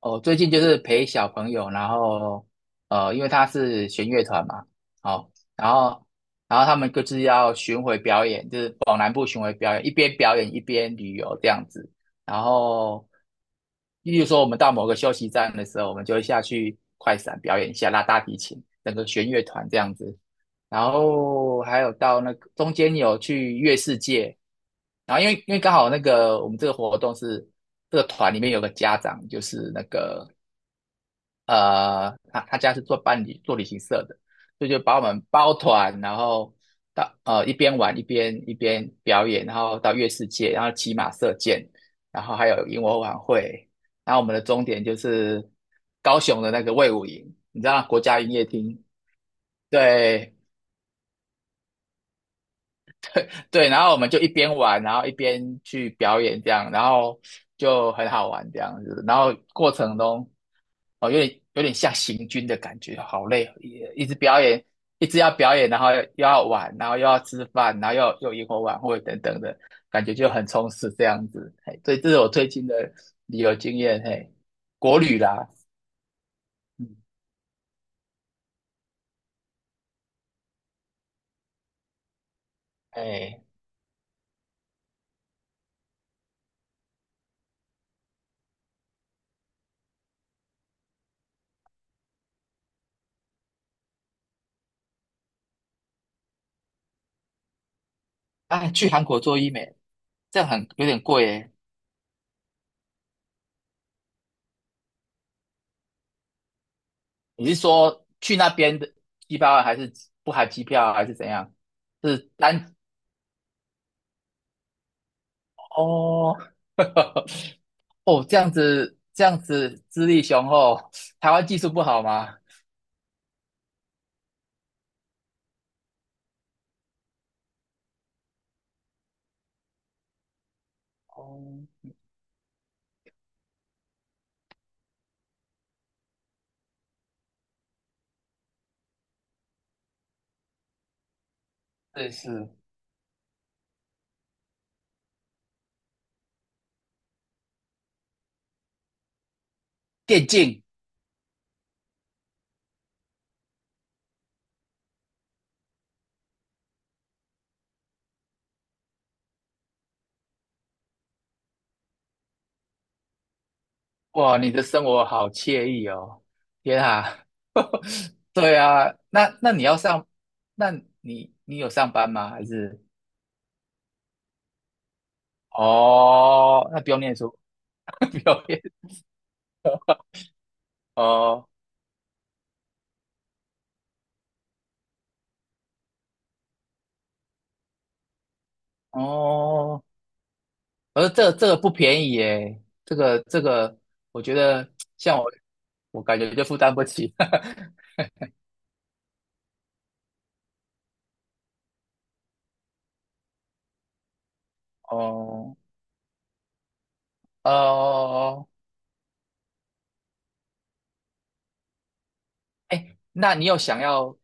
哦，最近就是陪小朋友，然后因为他是弦乐团嘛。哦，然后然后他们各自要巡回表演，就是往南部巡回表演，一边表演一边旅游这样子。然后，例如说我们到某个休息站的时候，我们就会下去快闪表演一下，拉大提琴，整个弦乐团这样子。然后还有到那个中间有去月世界，然后因为刚好那个我们这个活动是，这个团里面有个家长，就是那个他家是做办理做旅行社的，所以就把我们包团，然后到一边玩一边表演，然后到月世界，然后骑马射箭，然后还有萤火晚会，然后我们的终点就是高雄的那个卫武营，你知道国家营业厅。对。对，然后我们就一边玩，然后一边去表演这样，然后就很好玩这样子。然后过程中，哦，有点像行军的感觉，好累，一直表演，一直要表演，然后又要玩，然后又要吃饭，然后又萤火晚会等等的，感觉就很充实这样子。嘿，所以这是我最近的旅游经验。嘿，国旅啦。嗯，哎，啊，去韩国做医美，这样很有点贵诶。你是说去那边的机票还是不含机票还是怎样？是单哦。 哦，这样子这样子资历雄厚，台湾技术不好吗？哦，这是电竞。哇，你的生活好惬意哦，天啊。对啊，那那你要上，那你有上班吗？还是哦，那不用念书。不用念。哦哦。而这个不便宜耶，这个，我觉得像我，我感觉就负担不起。哦哦，哎，那你有想要，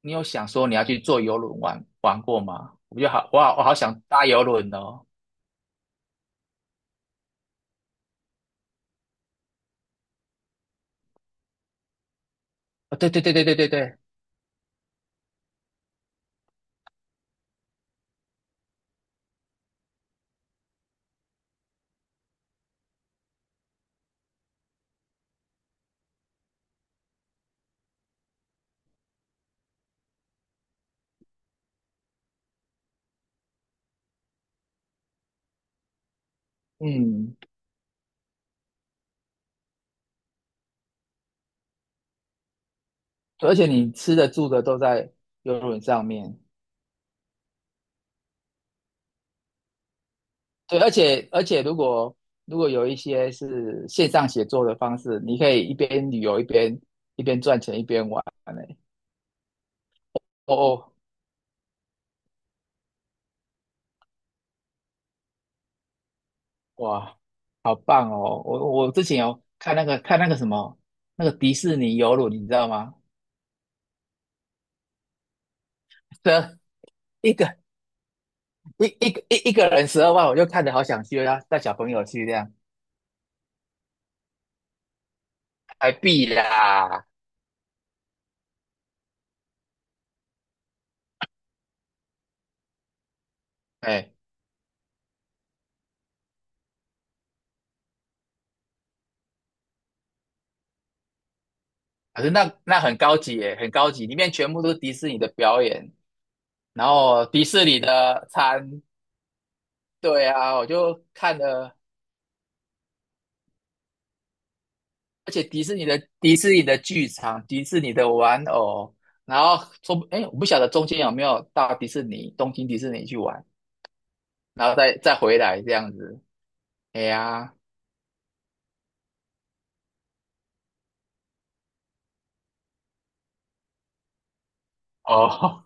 你有想说你要去坐游轮玩玩过吗？我就好，我好，我好想搭游轮哦。哦，对对对对对对对。嗯，对，而且你吃的住的都在游轮上面。对，而且如果如果有一些是线上写作的方式，你可以一边旅游一边赚钱一边玩呢。哦哦，哇，好棒哦！我之前有看那个看那个什么那个迪士尼游轮，你知道吗？这一个一个人12万，我就看着好想去啊，带小朋友去这样，还必啦。哎，可是那很高级耶，很高级，里面全部都是迪士尼的表演，然后迪士尼的餐，对啊，我就看了。而且迪士尼的剧场、迪士尼的玩偶，然后说，哎，我不晓得中间有没有到迪士尼、东京迪士尼去玩，然后再回来这样子。哎呀，哦，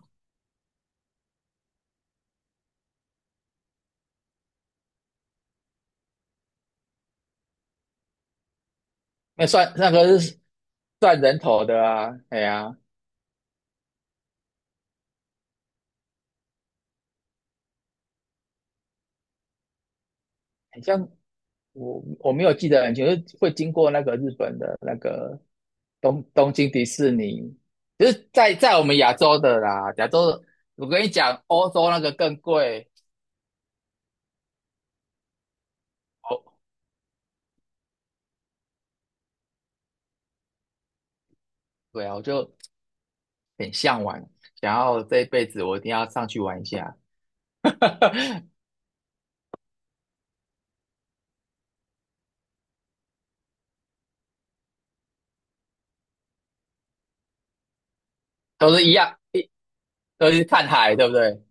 那算那个是算人头的啊。哎呀，很像我我没有记得很清楚，就是会经过那个日本的那个东京迪士尼，就是在我们亚洲的啦。亚洲的我跟你讲，欧洲那个更贵。哦，对啊，我就很向往，想要这一辈子我一定要上去玩一下，都是一样，都是看海，对不对？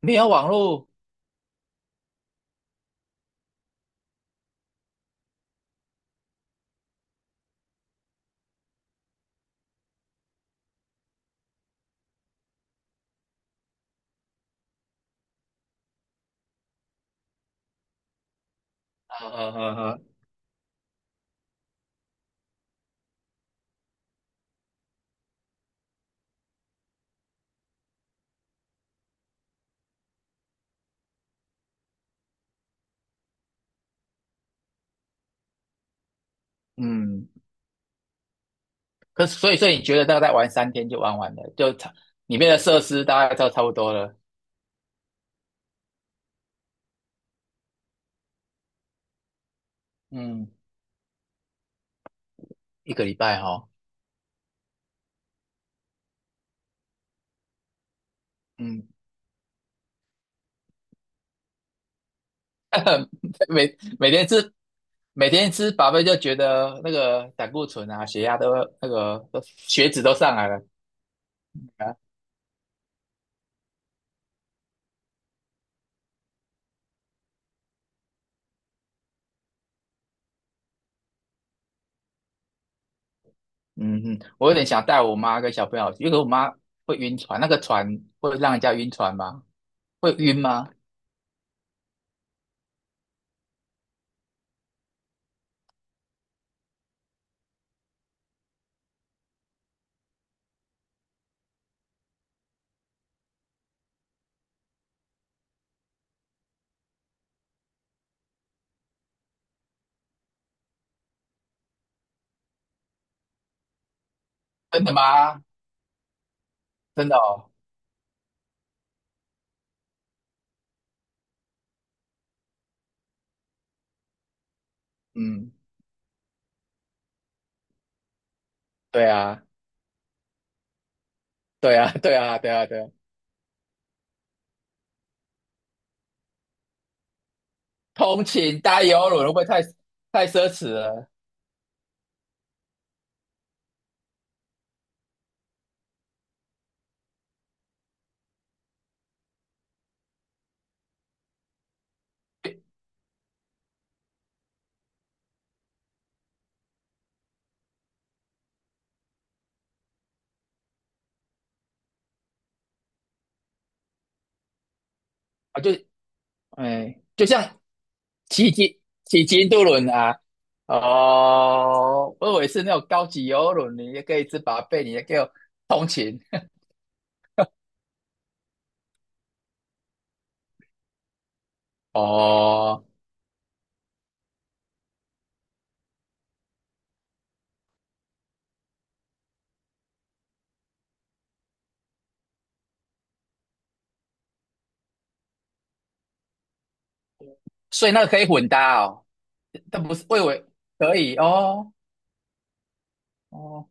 没有网络，呵呵呵呵。嗯，可是所以所以你觉得大概玩3天就玩完了，就差里面的设施大概就差不多了。嗯，一个礼拜哈、哦，嗯，每每天吃每天吃饱饭就觉得那个胆固醇啊、血压都，那个都血脂都上来了。嗯哼，我有点想带我妈跟小朋友去，因为我妈会晕船，那个船会让人家晕船吗？会晕吗？真的吗？真的哦。嗯，对啊，对啊，对啊，对啊，对啊，通勤搭游轮会不会太太奢侈了啊？就哎，就像骑机渡轮啊。哦，我以为是那种高级游轮，你也可以吃饱被，你也可以通勤。 哦，所以那个可以混搭哦，但不是，我以为可以哦。哦，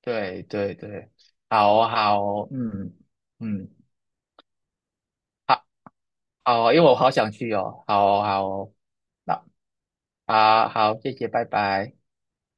对对对，好哦好哦嗯嗯，好。好哦，因为我好想去哦，好哦好哦，那好好，谢谢，拜拜。